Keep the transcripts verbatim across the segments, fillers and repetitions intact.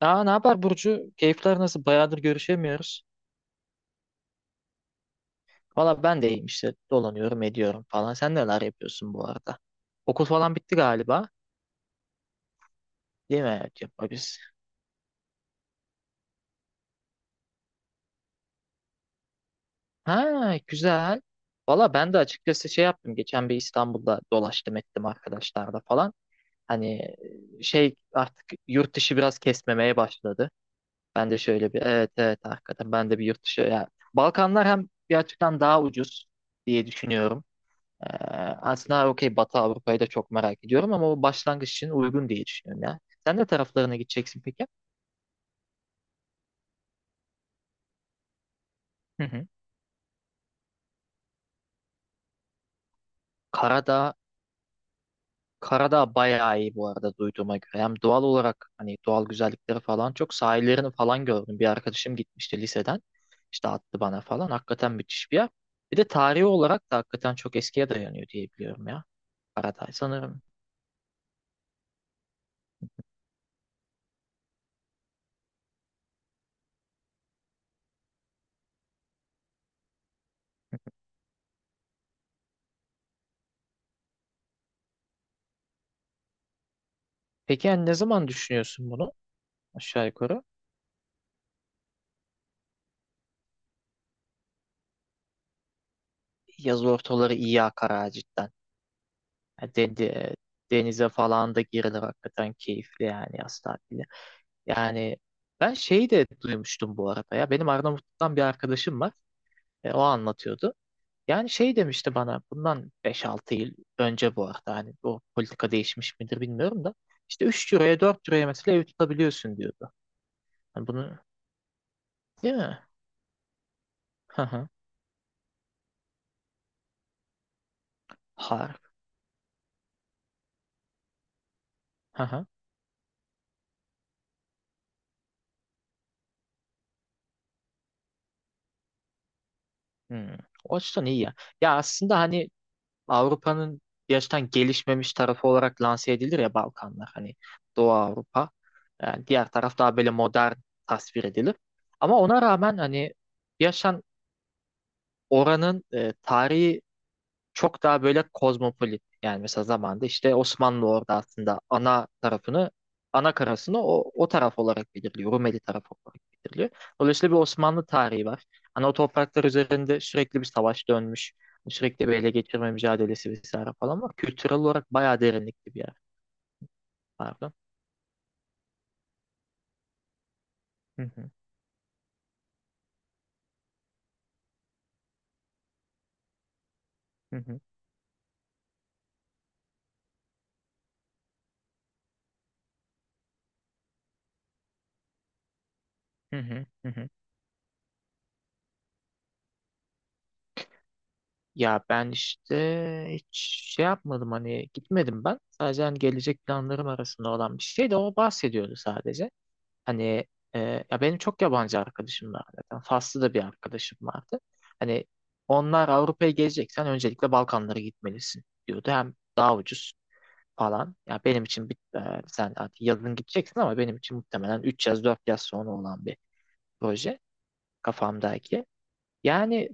Aa, ne yapar Burcu? Keyifler nasıl? Bayağıdır görüşemiyoruz. Valla ben de iyiyim işte. Dolanıyorum, ediyorum falan. Sen neler yapıyorsun bu arada? Okul falan bitti galiba. Değil mi? Evet, yapma biz. Ha, güzel. Valla ben de açıkçası şey yaptım. Geçen bir İstanbul'da dolaştım ettim arkadaşlarla falan. Hani e, şey artık yurt dışı biraz kesmemeye başladı. Ben de şöyle bir evet evet hakikaten ben de bir yurt dışı. Yani Balkanlar hem gerçekten daha ucuz diye düşünüyorum. Ee, Aslında okey Batı Avrupa'yı da çok merak ediyorum ama o başlangıç için uygun diye düşünüyorum ya. Sen ne taraflarına gideceksin peki? Hı hı. Karadağ, Karadağ bayağı iyi bu arada duyduğuma göre. Hem doğal olarak hani doğal güzellikleri falan çok sahillerini falan gördüm. Bir arkadaşım gitmişti liseden. İşte attı bana falan. Hakikaten müthiş bir yer. Bir de tarihi olarak da hakikaten çok eskiye dayanıyor diye biliyorum ya. Karadağ sanırım. Peki yani ne zaman düşünüyorsun bunu aşağı yukarı? Yaz ortaları iyi akar ha cidden. Yani de- de- denize falan da girilir hakikaten keyifli yani yaz tatili. Yani ben şeyi de duymuştum bu arada ya. Benim Arnavutluk'tan bir arkadaşım var. E, o anlatıyordu. Yani şey demişti bana bundan beş altı yıl önce bu arada hani o politika değişmiş midir bilmiyorum da işte üç liraya dört liraya mesela ev tutabiliyorsun diyordu. Hani bunu değil mi? Hı hı. Harf. Hı hı. Hmm. O açıdan iyi ya. Ya aslında hani Avrupa'nın gerçekten gelişmemiş tarafı olarak lanse edilir ya Balkanlar hani Doğu Avrupa. Yani diğer taraf daha böyle modern tasvir edilir. Ama ona rağmen hani yaşan oranın e, tarihi çok daha böyle kozmopolit. Yani mesela zamanda işte Osmanlı orada aslında ana tarafını, ana karasını o, o taraf olarak belirliyor. Rumeli tarafı olarak belirliyor. Dolayısıyla bir Osmanlı tarihi var. Hani o topraklar üzerinde sürekli bir savaş dönmüş. Hani sürekli bir ele geçirme mücadelesi vesaire falan var. Kültürel olarak bayağı derinlikli bir yer. Pardon. Hı hı, hı hı, hı hı, hı hı. Ya ben işte hiç şey yapmadım hani gitmedim ben. Sadece hani gelecek planlarım arasında olan bir şey de o bahsediyordu sadece. Hani e, ya benim çok yabancı arkadaşım var zaten. Faslı da bir arkadaşım vardı. Hani onlar Avrupa'ya geleceksen öncelikle Balkanlara gitmelisin diyordu. Hem daha ucuz falan. Ya benim için bir, e, sen artık yazın gideceksin ama benim için muhtemelen üç yaz dört yaz sonra olan bir proje kafamdaki. Yani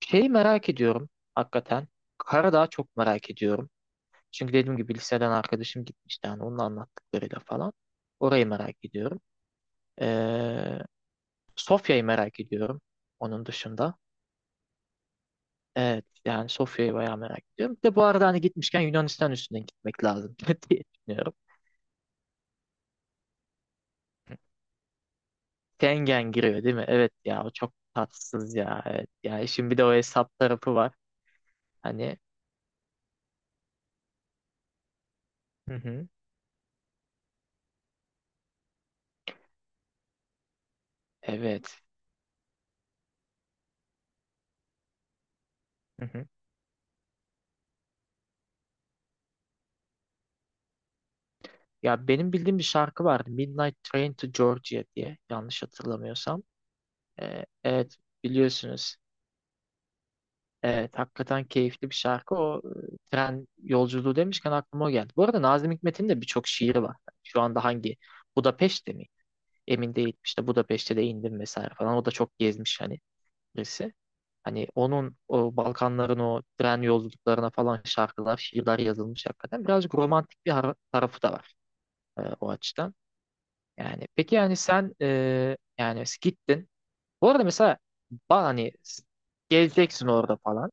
şeyi merak ediyorum hakikaten. Karadağ'ı çok merak ediyorum. Çünkü dediğim gibi liseden arkadaşım gitmişti. Yani onun anlattıklarıyla falan. Orayı merak ediyorum. Sofya'yı merak ediyorum onun dışında. Evet yani Sofya'yı bayağı merak ediyorum. Bir de bu arada hani gitmişken Yunanistan üstünden gitmek lazım diye düşünüyorum. Schengen giriyor değil mi? Evet ya o çok tatsız ya. Evet. Ya işin bir de o hesap tarafı var. Hani hı hı, evet. Hı hı. Ya benim bildiğim bir şarkı vardı. Midnight Train to Georgia diye yanlış hatırlamıyorsam. Ee, evet biliyorsunuz. Evet, hakikaten keyifli bir şarkı. O e, tren yolculuğu demişken aklıma o geldi. Bu arada Nazım Hikmet'in de birçok şiiri var. Şu anda hangi? Budapeşte mi? Emin değil. İşte Budapeşte de indim vesaire falan. O da çok gezmiş hani birisi. Hani onun o Balkanların o tren yolculuklarına falan şarkılar, şiirler yazılmış hakikaten. Birazcık romantik bir har- tarafı da var e, o açıdan. Yani peki yani sen e, yani gittin. Bu arada mesela ba- hani gezeceksin orada falan.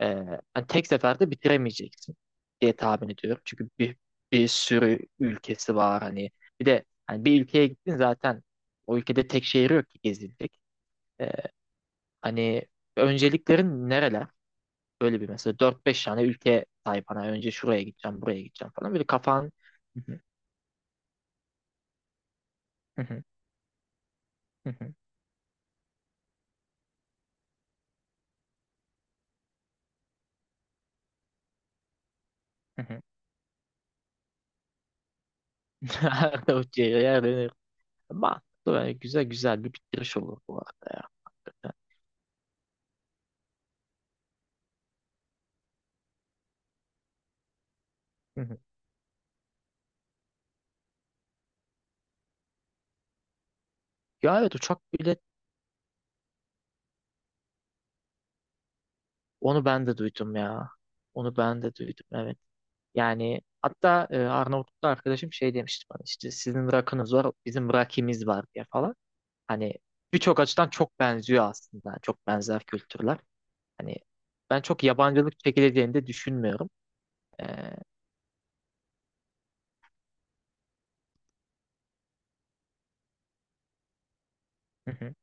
Ee, Hani tek seferde bitiremeyeceksin diye tahmin ediyorum. Çünkü bir, bir sürü ülkesi var hani. Bir de hani bir ülkeye gittin zaten o ülkede tek şehir yok ki gezilecek. Ee, Hani önceliklerin nereler? Böyle bir mesela dört beş tane ülke sahip. Hani önce şuraya gideceğim, buraya gideceğim falan. Böyle kafan nerede uçuyor, yer dönüyor. Mantıklı yani güzel güzel bir bitiriş olur bu arada ya. Hı hı. Ya evet uçak. Onu ben de duydum ya. Onu ben de duydum evet. Yani hatta e, Arnavutluk'ta arkadaşım şey demişti bana işte sizin rakınız var bizim rakimiz var diye falan. Hani birçok açıdan çok benziyor aslında. Çok benzer kültürler. Hani ben çok yabancılık çekileceğini de düşünmüyorum. Ee, hı hı,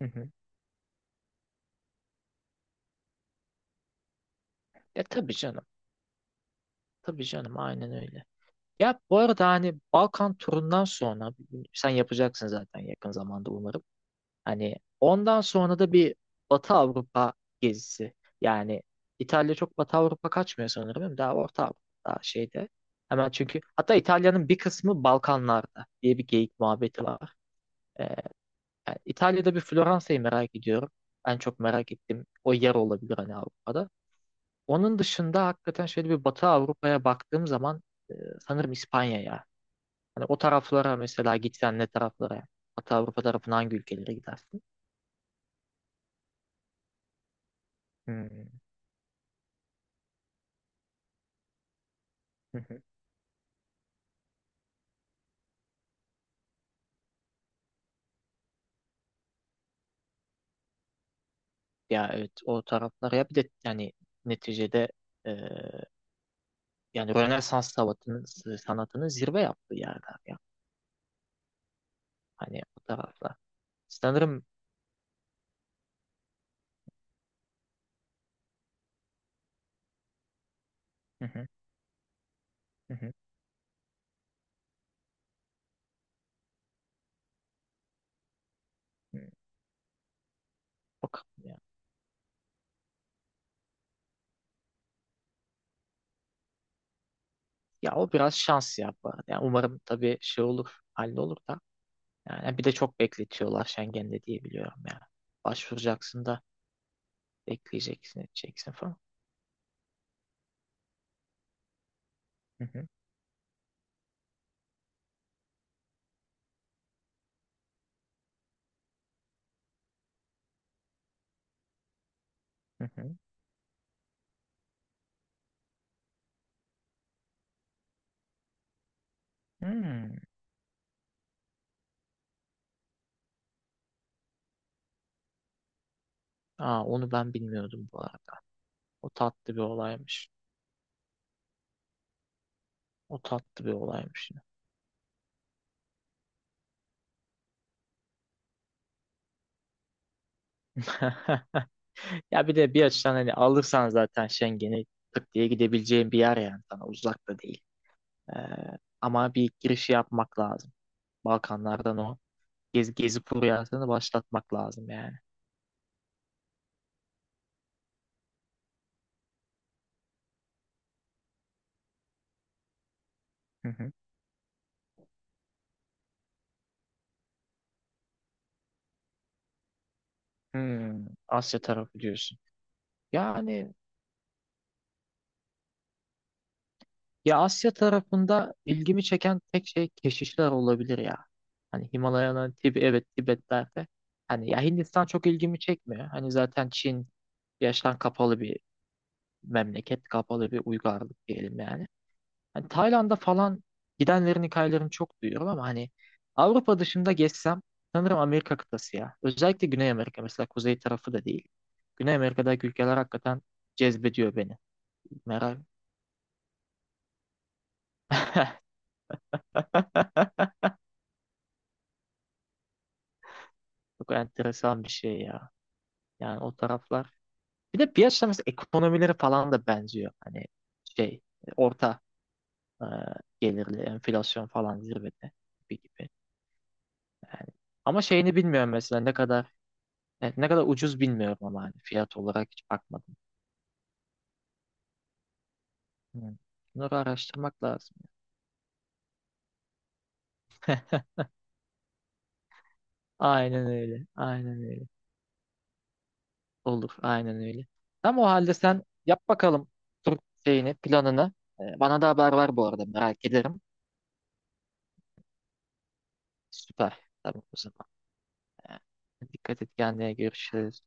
hı hı. Ya tabii canım. Tabii canım aynen öyle. Ya bu arada hani Balkan turundan sonra sen yapacaksın zaten yakın zamanda umarım. Hani ondan sonra da bir Batı Avrupa gezisi. Yani İtalya çok Batı Avrupa kaçmıyor sanırım. Değil mi? Daha Orta Avrupa daha şeyde. Hemen çünkü hatta İtalya'nın bir kısmı Balkanlarda diye bir geyik muhabbeti var. Ee, Yani İtalya'da bir Floransa'yı merak ediyorum. En çok merak ettiğim o yer olabilir hani Avrupa'da. Onun dışında hakikaten şöyle bir Batı Avrupa'ya baktığım zaman e, sanırım İspanya'ya. Hani o taraflara mesela gitsen ne taraflara? Batı Avrupa tarafına hangi ülkelere gidersin? Hmm. Ya evet o taraflar ya bir de yani neticede e, yani Rönesans sanatının sanatının zirve yaptığı yerler ya. Hani o taraflar. Sanırım hı hı, hı hı, hı. Bakalım ya. Ya o biraz şans ya bu arada. Yani umarım tabii şey olur, hallolur da. Yani bir de çok bekletiyorlar Schengen'de diye biliyorum ya. Başvuracaksın da bekleyeceksin, edeceksin falan. Hı hı, hı hı. Hmm. Aa, onu ben bilmiyordum bu arada. O tatlı bir olaymış. O tatlı bir olaymış. Ya bir de bir açıdan hani alırsan zaten Schengen'i tık diye gidebileceğin bir yer yani sana uzak da değil. Ee, Ama bir girişi yapmak lazım. Balkanlardan o gezi, gezi furyasını başlatmak lazım yani. Hı hı. Hmm, Asya tarafı diyorsun. Yani ya Asya tarafında ilgimi çeken tek şey keşişler olabilir ya. Hani Himalaya'nın Tib evet Tibet'lerde. Hani ya Hindistan çok ilgimi çekmiyor. Hani zaten Çin yaştan kapalı bir memleket kapalı bir uygarlık diyelim yani. Hani Tayland'a falan gidenlerin hikayelerini çok duyuyorum ama hani Avrupa dışında gezsem sanırım Amerika kıtası ya. Özellikle Güney Amerika mesela kuzey tarafı da değil. Güney Amerika'daki ülkeler hakikaten cezbediyor beni. Merak. Çok enteresan bir şey ya. Yani o taraflar. Bir de piyasa mesela ekonomileri falan da benziyor. Hani şey orta e, gelirli enflasyon falan zirvede gibi gibi. Yani. Ama şeyini bilmiyorum mesela ne kadar. Evet, ne kadar ucuz bilmiyorum ama hani fiyat olarak hiç bakmadım. Hmm. Bunları araştırmak lazım. Aynen öyle. Aynen öyle. Olur. Aynen öyle. Tamam o halde sen yap bakalım tur şeyini, planını. Ee, Bana da haber ver bu arada merak ederim. Süper. Tamam o zaman. Ee, Dikkat et kendine görüşürüz.